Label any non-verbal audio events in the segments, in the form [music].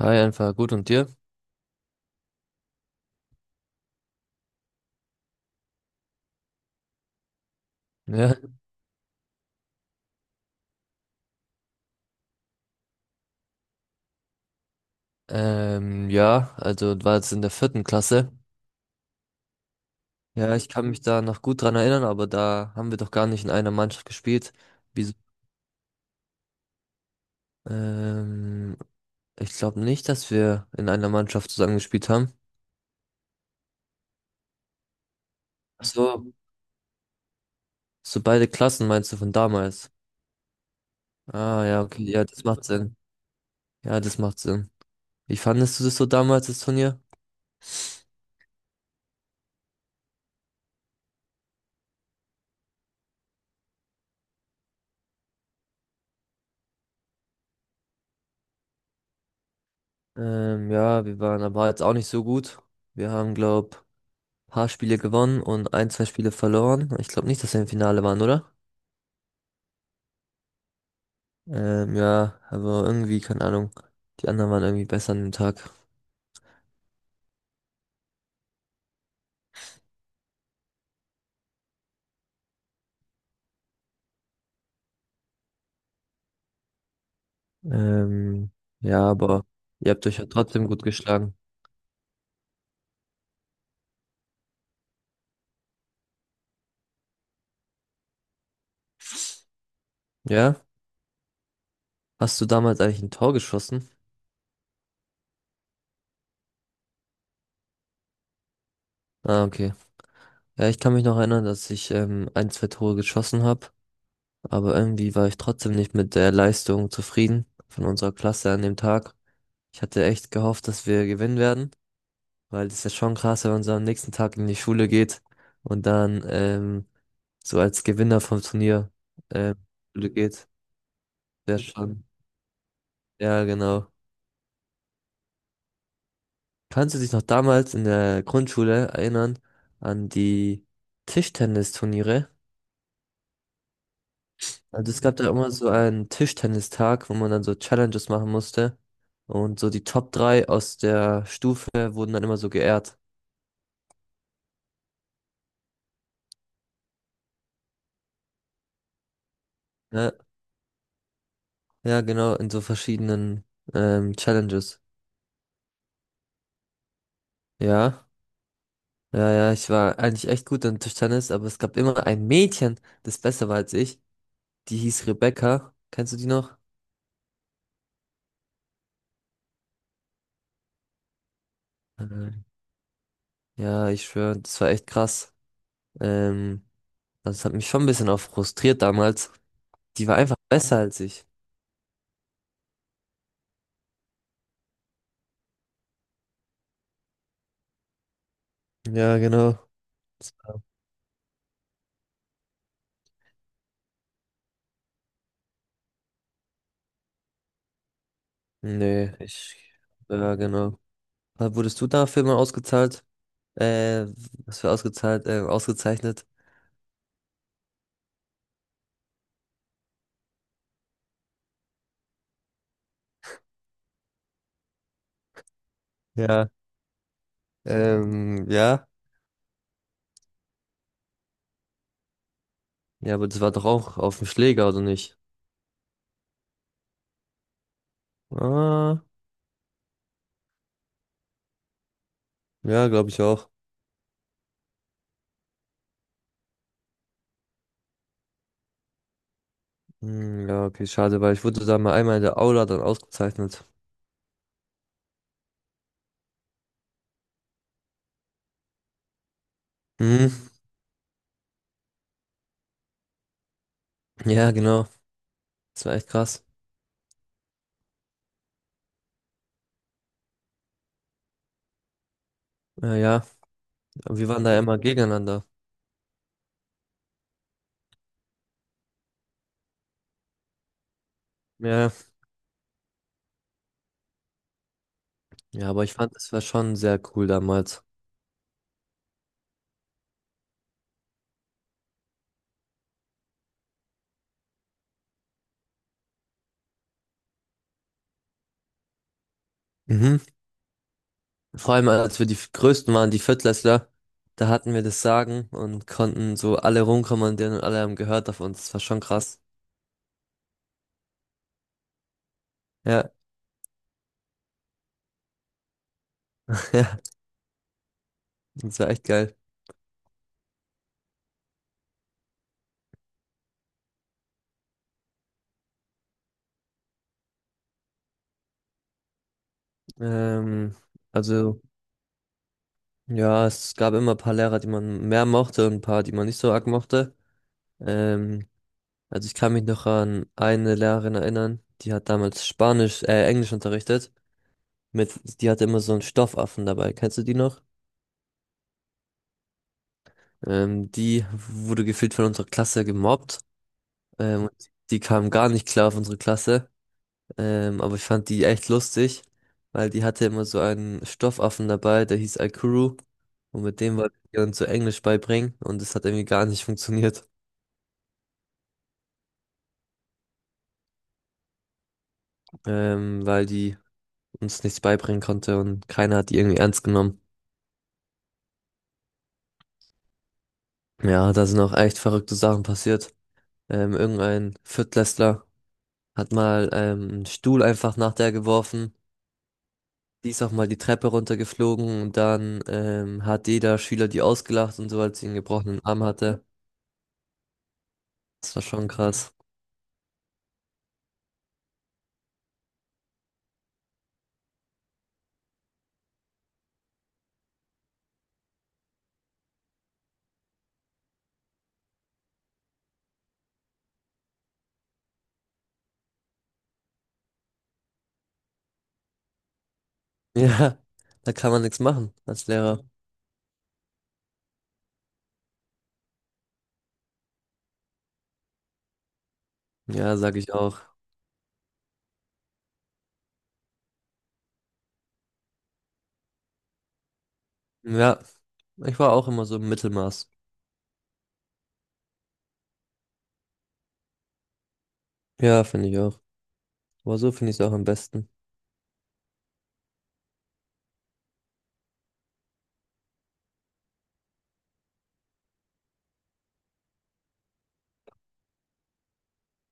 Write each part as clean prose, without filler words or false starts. Hi, einfach gut und dir? Ja, ja, also war jetzt in der vierten Klasse. Ja, ich kann mich da noch gut dran erinnern, aber da haben wir doch gar nicht in einer Mannschaft gespielt. Wieso? Ähm, ich glaube nicht, dass wir in einer Mannschaft zusammen gespielt haben. Ach so, so beide Klassen meinst du von damals? Ah, ja, okay, ja, das macht Sinn. Ja, das macht Sinn. Wie fandest du das so damals, das Turnier? Ja, wir waren aber jetzt auch nicht so gut. Wir haben, glaube, paar Spiele gewonnen und ein, zwei Spiele verloren. Ich glaube nicht, dass wir im Finale waren, oder? Ja, aber irgendwie, keine Ahnung. Die anderen waren irgendwie besser an dem Tag. Ähm, ja, aber ihr habt euch ja trotzdem gut geschlagen. Ja? Hast du damals eigentlich ein Tor geschossen? Ah, okay. Ja, ich kann mich noch erinnern, dass ich ein, zwei Tore geschossen habe, aber irgendwie war ich trotzdem nicht mit der Leistung zufrieden von unserer Klasse an dem Tag. Ich hatte echt gehofft, dass wir gewinnen werden, weil das ist ja schon krass, wenn man so am nächsten Tag in die Schule geht und dann so als Gewinner vom Turnier ähm, Schule geht. Wäre schon. Ja, genau. Kannst du dich noch damals in der Grundschule erinnern an die Tischtennisturniere? Also es gab da immer so einen Tischtennistag, wo man dann so Challenges machen musste. Und so die Top 3 aus der Stufe wurden dann immer so geehrt. Ja, ja, genau, in so verschiedenen Challenges. Ja. Ja, ja, ich war eigentlich echt gut an Tischtennis, aber es gab immer ein Mädchen, das besser war als ich. Die hieß Rebecca. Kennst du die noch? Mhm. Ja, ich schwöre, das war echt krass. Ähm, das hat mich schon ein bisschen auch frustriert damals. Die war einfach besser als ich. Ja, genau. Nee, ich, ja, genau. Wurdest du dafür mal ausgezahlt? Äh, was für ausgezahlt, ausgezeichnet? Ja. Ja. Ja, aber das war doch auch auf dem Schläger, oder nicht? Ah, ja, glaube ich auch. Hm, ja, okay, schade, weil ich wurde da mal einmal in der Aula dann ausgezeichnet. Hm, ja, genau. Das war echt krass. Ja, ja, wir waren da immer gegeneinander. Ja, ja, ja, aber ich fand, es war schon sehr cool damals. Mhm. Vor allem, als wir die Größten waren, die Viertklässler, da hatten wir das Sagen und konnten so alle rumkommandieren und alle haben gehört auf uns. Das war schon krass. Ja, [laughs] ja, das war echt geil. Ähm, also, ja, es gab immer ein paar Lehrer, die man mehr mochte und ein paar, die man nicht so arg mochte. Ähm, Also ich kann mich noch an eine Lehrerin erinnern, die hat damals Spanisch, Englisch unterrichtet. Mit, die hatte immer so einen Stoffaffen dabei. Kennst du die noch? Die wurde gefühlt von unserer Klasse gemobbt. Und die kam gar nicht klar auf unsere Klasse. Aber ich fand die echt lustig, weil die hatte immer so einen Stoffaffen dabei, der hieß Aikuru. Und mit dem wollte ich ihr uns so Englisch beibringen. Und es hat irgendwie gar nicht funktioniert, weil die uns nichts beibringen konnte und keiner hat die irgendwie ernst genommen. Ja, da sind auch echt verrückte Sachen passiert. Irgendein Viertklässler hat mal einen Stuhl einfach nach der geworfen. Die ist auch mal die Treppe runtergeflogen und dann hat jeder Schüler die ausgelacht und so, als sie einen gebrochenen Arm hatte. Das war schon krass. [laughs] Ja, da kann man nichts machen als Lehrer. Ja, sag ich auch. Ja, ich war auch immer so im Mittelmaß. Ja, finde ich auch. Aber so finde ich es auch am besten.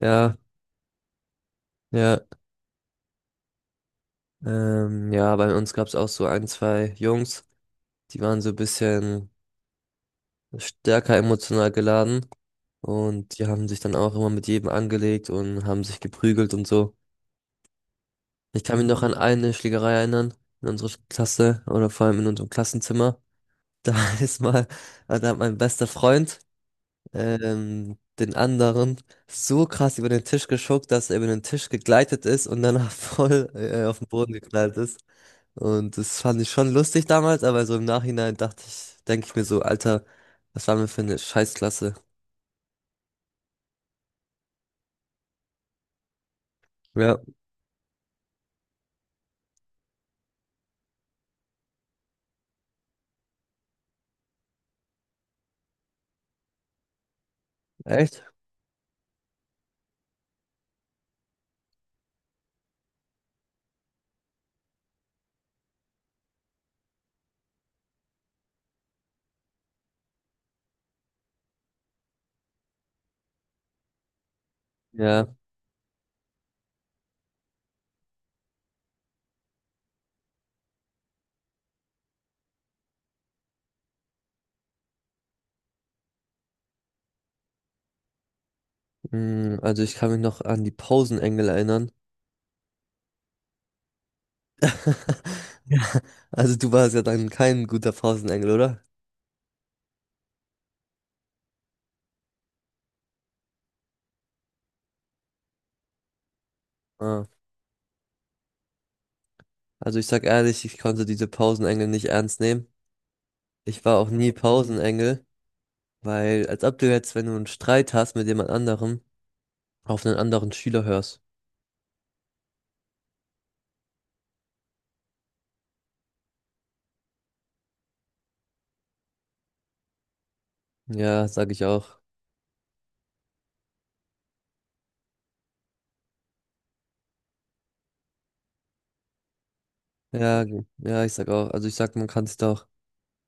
Ja, ja. Ja, bei uns gab es auch so ein, zwei Jungs, die waren so ein bisschen stärker emotional geladen und die haben sich dann auch immer mit jedem angelegt und haben sich geprügelt und so. Ich kann mich noch an eine Schlägerei erinnern in unserer Klasse oder vor allem in unserem Klassenzimmer. Da [laughs] ist mal, also da hat mein bester Freund den anderen so krass über den Tisch geschuckt, dass er über den Tisch gegleitet ist und danach [laughs] voll auf den Boden geknallt ist. Und das fand ich schon lustig damals, aber so im Nachhinein dachte ich, denke ich mir so, Alter, was waren wir für eine Scheißklasse? Ja, echt? Ja, mm, also ich kann mich noch an die Pausenengel erinnern. [laughs] Ja. Also du warst ja dann kein guter Pausenengel, oder? Ah. Also ich sag ehrlich, ich konnte diese Pausenengel nicht ernst nehmen. Ich war auch nie Pausenengel, weil als ob du jetzt, wenn du einen Streit hast mit jemand anderem, auf einen anderen Schüler hörst. Ja, sag ich auch. Ja, ich sag auch. Also ich sag, man kann sich da auch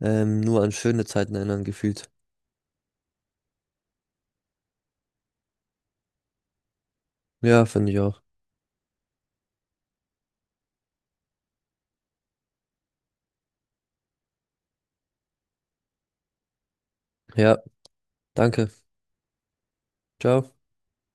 nur an schöne Zeiten erinnern, gefühlt. Ja, finde ich auch. Ja, danke. Ciao.